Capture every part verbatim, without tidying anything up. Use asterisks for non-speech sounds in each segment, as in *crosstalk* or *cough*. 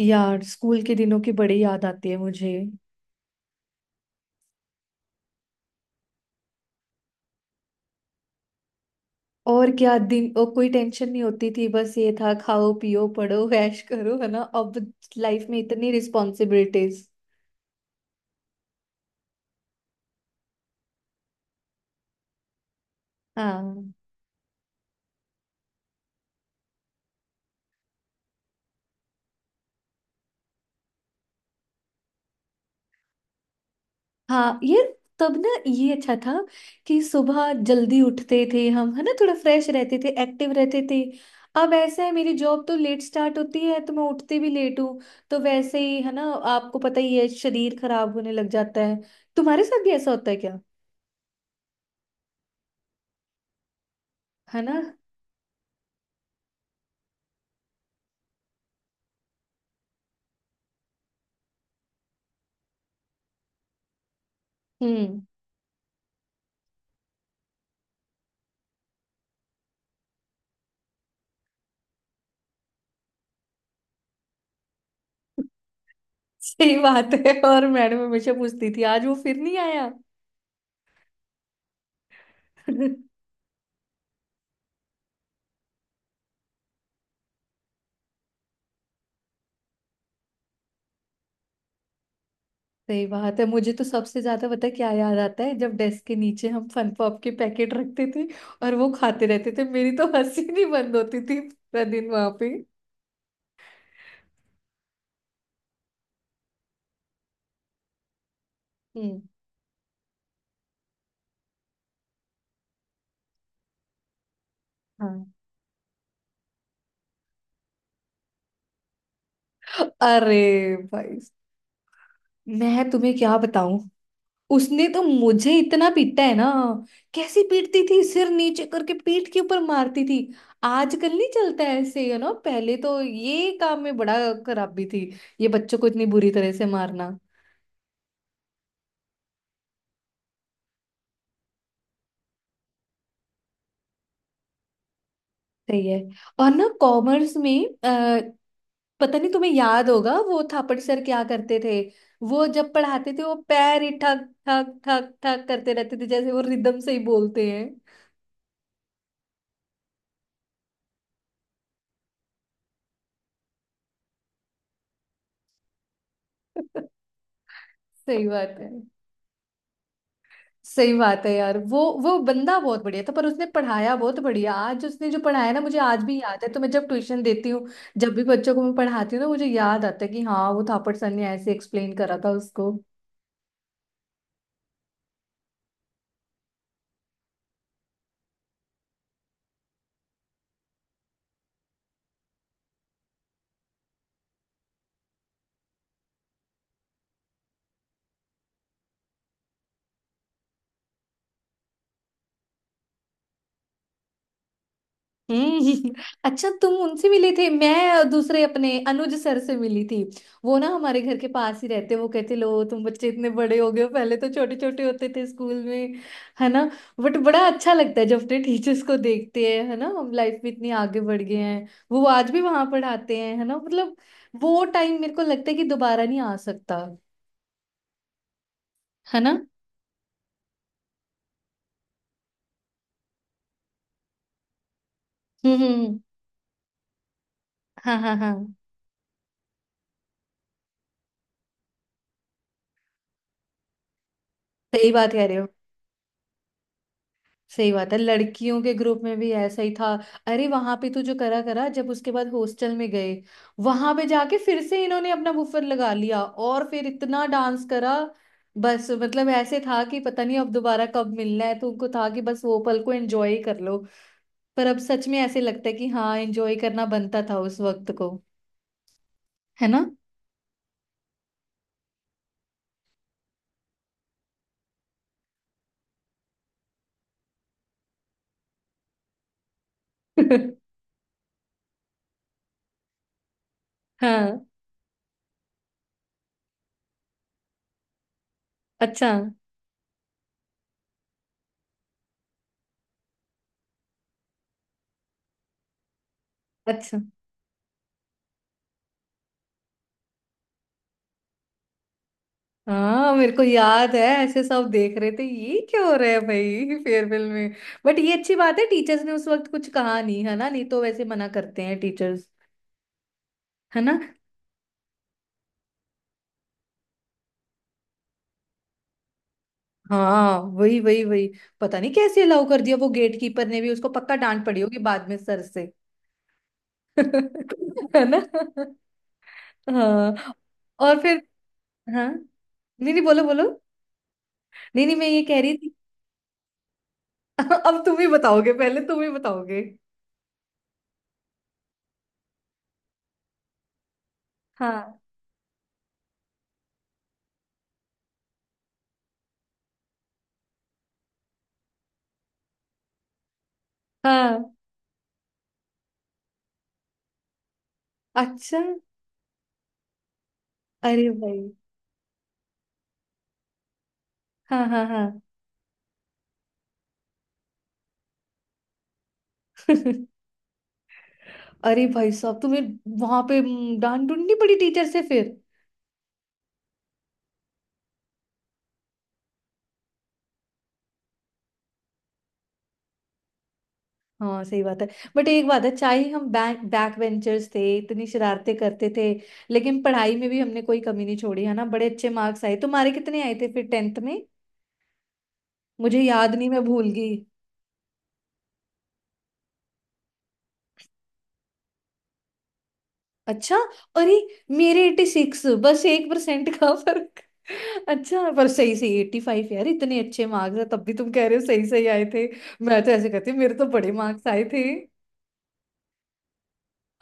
यार स्कूल के दिनों की बड़ी याद आती है मुझे। और क्या दिन, और कोई टेंशन नहीं होती थी, बस ये था खाओ पियो पढ़ो *laughs* ऐश करो, है ना। अब लाइफ में इतनी रिस्पॉन्सिबिलिटीज। हाँ हाँ, ये तब ना ये अच्छा था कि सुबह जल्दी उठते थे हम, है ना, थोड़ा फ्रेश रहते थे, एक्टिव रहते थे। अब ऐसा है मेरी जॉब तो लेट स्टार्ट होती है तो मैं उठती भी लेट हूँ। तो वैसे ही है ना। आपको पता ही है, शरीर खराब होने लग जाता है। तुम्हारे साथ भी ऐसा होता है क्या। है ना। हम्म। सही बात है, और मैडम हमेशा पूछती थी आज वो फिर नहीं आया। *laughs* सही बात है, मुझे तो सबसे ज्यादा पता है क्या याद आता है, जब डेस्क के नीचे हम फन पॉप के पैकेट रखते थे। और वो खाते रहते थे, मेरी तो हंसी नहीं बंद होती थी पूरा दिन वहां पे। हम्म। हाँ। अरे भाई, मैं तुम्हें क्या बताऊं। उसने तो मुझे इतना पीटा है ना। कैसी पीटती थी, सिर नीचे करके पीठ के ऊपर मारती थी। आजकल नहीं चलता है ऐसे, यू नो, पहले तो ये काम में बड़ा खराबी थी। ये बच्चों को इतनी बुरी तरह से मारना। सही है। और ना कॉमर्स में आ, पता नहीं तुम्हें याद होगा वो थापड़ सर क्या करते थे। वो जब पढ़ाते थे, वो पैर ही ठक ठक ठक ठक करते रहते थे, जैसे वो रिदम से ही बोलते हैं। *laughs* सही बात है। सही बात है यार, वो वो बंदा बहुत बढ़िया था, पर उसने पढ़ाया बहुत बढ़िया, आज उसने जो पढ़ाया ना मुझे आज भी याद है, तो मैं जब ट्यूशन देती हूँ, जब भी बच्चों को मैं पढ़ाती हूँ ना, मुझे याद आता है कि हाँ वो थापड़ सर ने ऐसे एक्सप्लेन करा था उसको। हम्म। *laughs* अच्छा, तुम उनसे मिले थे, मैं दूसरे अपने अनुज सर से मिली थी। वो ना हमारे घर के पास ही रहते, वो कहते लो तुम बच्चे इतने बड़े हो गए हो, पहले तो छोटे छोटे होते थे स्कूल में। है ना। बट बड़ा अच्छा लगता है जब अपने टीचर्स को देखते हैं, है ना, हम लाइफ में इतनी आगे बढ़ गए हैं, वो आज भी वहां पढ़ाते हैं, है ना, मतलब। वो टाइम मेरे को लगता है कि दोबारा नहीं आ सकता। है ना। हम्म हम्म, हाँ हाँ हाँ। सही बात कह रहे हो। सही बात है, लड़कियों के ग्रुप में भी ऐसा ही था। अरे वहां पे तो जो करा करा, जब उसके बाद हॉस्टल में गए, वहां पे जाके फिर से इन्होंने अपना बुफर लगा लिया, और फिर इतना डांस करा। बस मतलब ऐसे था कि पता नहीं अब दोबारा कब मिलना है, तो उनको था कि बस वो पल को एंजॉय ही कर लो। पर अब सच में ऐसे लगता है कि हाँ, एंजॉय करना बनता था उस वक्त को। है ना। *laughs* हाँ अच्छा अच्छा। हाँ मेरे को याद है, ऐसे सब देख रहे थे ये क्या हो रहा है भाई फेयरवेल में। बट ये अच्छी बात है टीचर्स ने उस वक्त कुछ कहा नहीं, है ना, नहीं तो वैसे मना करते हैं टीचर्स। है ना। हाँ वही वही वही। पता नहीं कैसे अलाउ कर दिया, वो गेट कीपर ने भी, उसको पक्का डांट पड़ी होगी बाद में सर से। *laughs* है ना। हाँ और फिर हाँ, नहीं नहीं बोलो बोलो। नहीं नहीं, मैं ये कह रही थी। *laughs* अब तुम ही बताओगे, पहले तुम ही बताओगे। हाँ हाँ। अच्छा, अरे भाई। हाँ हाँ हाँ। *laughs* अरे भाई साहब, तुम्हें वहां पे हम्म, डांट ढूंढनी पड़ी टीचर से फिर। हाँ सही बात है। बट एक बात है, चाहे हम बैक बैक बेंचर्स थे, इतनी शरारतें करते थे, लेकिन पढ़ाई में भी हमने कोई कमी नहीं छोड़ी, है ना। बड़े अच्छे मार्क्स आए, तुम्हारे कितने आए थे फिर टेंथ में। मुझे याद नहीं, मैं भूल गई। अच्छा। अरे, मेरे एटी सिक्स, बस एक परसेंट का फर्क। अच्छा, पर सही सही एट्टी फाइव यार, इतने अच्छे मार्क्स है, तब भी तुम कह रहे हो सही सही आए थे। मैं तो ऐसे कहती हूँ मेरे तो बड़े मार्क्स आए थे।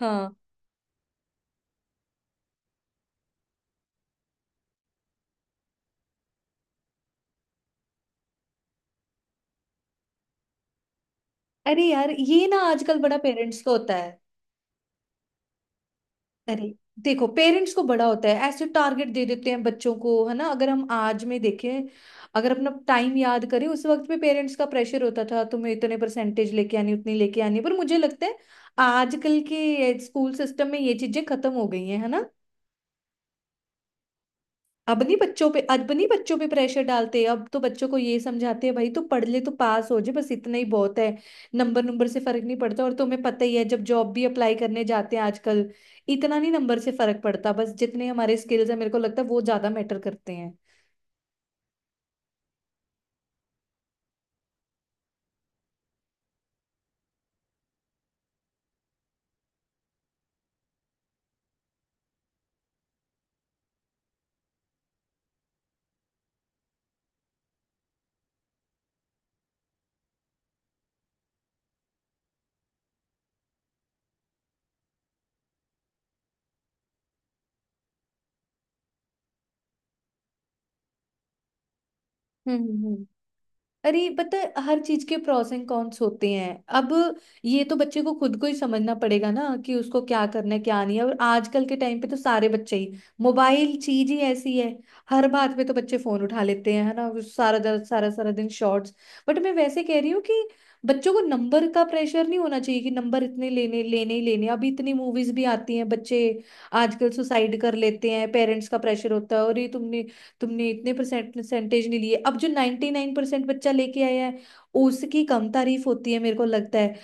हाँ। अरे यार, ये ना आजकल बड़ा पेरेंट्स का होता है। अरे देखो, पेरेंट्स को बड़ा होता है, ऐसे टारगेट दे देते हैं बच्चों को, है ना। अगर हम आज में देखें, अगर अपना टाइम याद करें, उस वक्त में पेरेंट्स का प्रेशर होता था, तुम्हें इतने परसेंटेज लेके आनी, उतनी लेके आनी। पर मुझे लगता है आजकल के स्कूल सिस्टम में ये चीजें खत्म हो गई हैं, है ना। अब नहीं बच्चों पे, अब नहीं बच्चों पे प्रेशर डालते, अब तो बच्चों को ये समझाते हैं भाई तू पढ़ ले, तू पास हो जाए, बस इतना ही बहुत है। नंबर नंबर से फर्क नहीं पड़ता, और तुम्हें पता ही है जब जॉब भी अप्लाई करने जाते हैं आजकल, इतना नहीं नंबर से फर्क पड़ता, बस जितने हमारे स्किल्स है, मेरे को लगता है वो ज्यादा मैटर करते हैं। अरे पता है, हर चीज के प्रोस एंड कॉन्स होते हैं। अब ये तो बच्चे को खुद को ही समझना पड़ेगा ना, कि उसको क्या करना है क्या नहीं है, और आजकल के टाइम पे तो सारे बच्चे ही, मोबाइल चीज ही ऐसी है, हर बात पे तो बच्चे फोन उठा लेते हैं, है ना, वो सारा दर, सारा सारा दिन शॉर्ट्स। बट मैं वैसे कह रही हूँ कि बच्चों को नंबर का प्रेशर नहीं होना चाहिए, कि नंबर इतने लेने लेने ही लेने। अभी इतनी मूवीज भी आती हैं, बच्चे आजकल सुसाइड कर लेते हैं, पेरेंट्स का प्रेशर होता है, और ये तुमने तुमने इतने परसेंट परसेंटेज नहीं लिए, अब जो नाइन्टी नाइन परसेंट बच्चा लेके आया है, उसकी कम तारीफ होती है मेरे को लगता है।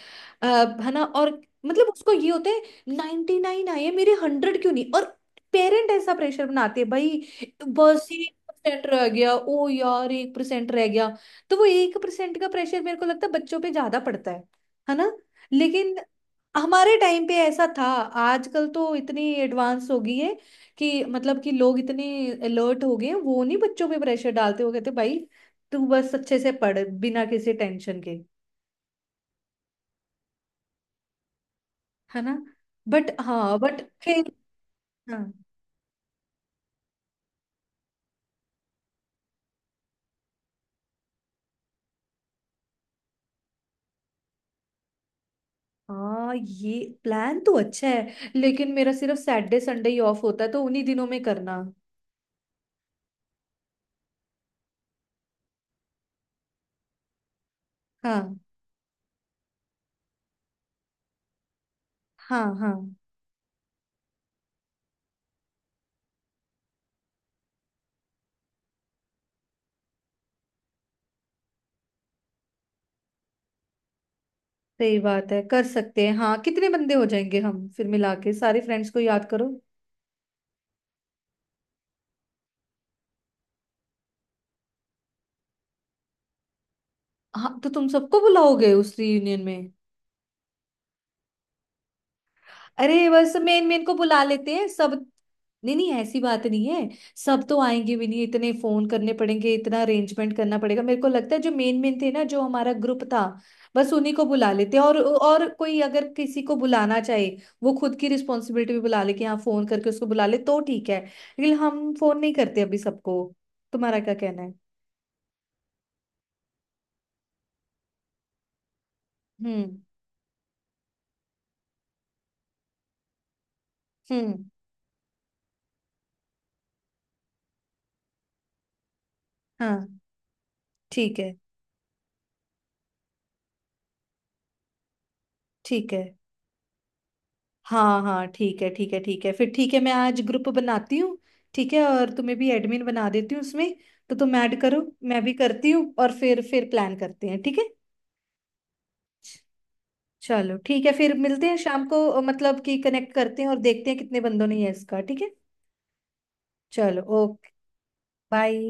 अ, है ना। और मतलब उसको ये होता है, नाइन्टी नाइन आए हैं, मेरे हंड्रेड क्यों नहीं, और पेरेंट ऐसा प्रेशर बनाते हैं भाई, बस एक परसेंट रह गया, ओ यार एक परसेंट रह गया। तो वो एक परसेंट का प्रेशर मेरे को लगता है बच्चों पे ज्यादा पड़ता है। है ना। लेकिन हमारे टाइम पे ऐसा था, आजकल तो इतनी एडवांस हो गई है कि मतलब कि लोग इतने अलर्ट हो गए हैं, वो नहीं बच्चों पे प्रेशर डालते, वो कहते भाई तू बस अच्छे से पढ़, बिना किसी टेंशन के। है ना। बट हाँ, बट खेल। हाँ हाँ, ये प्लान तो अच्छा है, लेकिन मेरा सिर्फ सैटरडे संडे ही ऑफ होता है, तो उन्हीं दिनों में करना। हाँ हाँ हाँ सही बात है, कर सकते हैं। हाँ कितने बंदे हो जाएंगे हम फिर मिला के, सारे फ्रेंड्स को याद करो। हाँ तो तुम सबको बुलाओगे उस रियूनियन में। अरे बस मेन मेन को बुला लेते हैं सब। नहीं नहीं ऐसी बात नहीं है। सब तो आएंगे भी नहीं, इतने फोन करने पड़ेंगे, इतना अरेंजमेंट करना पड़ेगा। मेरे को लगता है जो मेन मेन थे ना, जो हमारा ग्रुप था, बस उन्हीं को बुला लेते हैं, और और कोई अगर किसी को बुलाना चाहे, वो खुद की रिस्पॉन्सिबिलिटी भी बुला ले, कि हाँ फोन करके उसको बुला ले तो ठीक है। लेकिन हम फोन नहीं करते अभी सबको। तुम्हारा क्या कहना है। हम्म हम्म, हाँ ठीक है ठीक है। हाँ हाँ ठीक है ठीक है ठीक है, फिर ठीक है, मैं आज ग्रुप बनाती हूँ। ठीक है, और तुम्हें भी एडमिन बना देती हूँ उसमें, तो तुम ऐड करो, मैं भी करती हूँ, और फिर फिर प्लान करते हैं, ठीक है। चलो ठीक है, फिर मिलते हैं शाम को, मतलब कि कनेक्ट करते हैं और देखते हैं कितने बंदों ने यस कहा, ठीक है। चलो ओके बाय।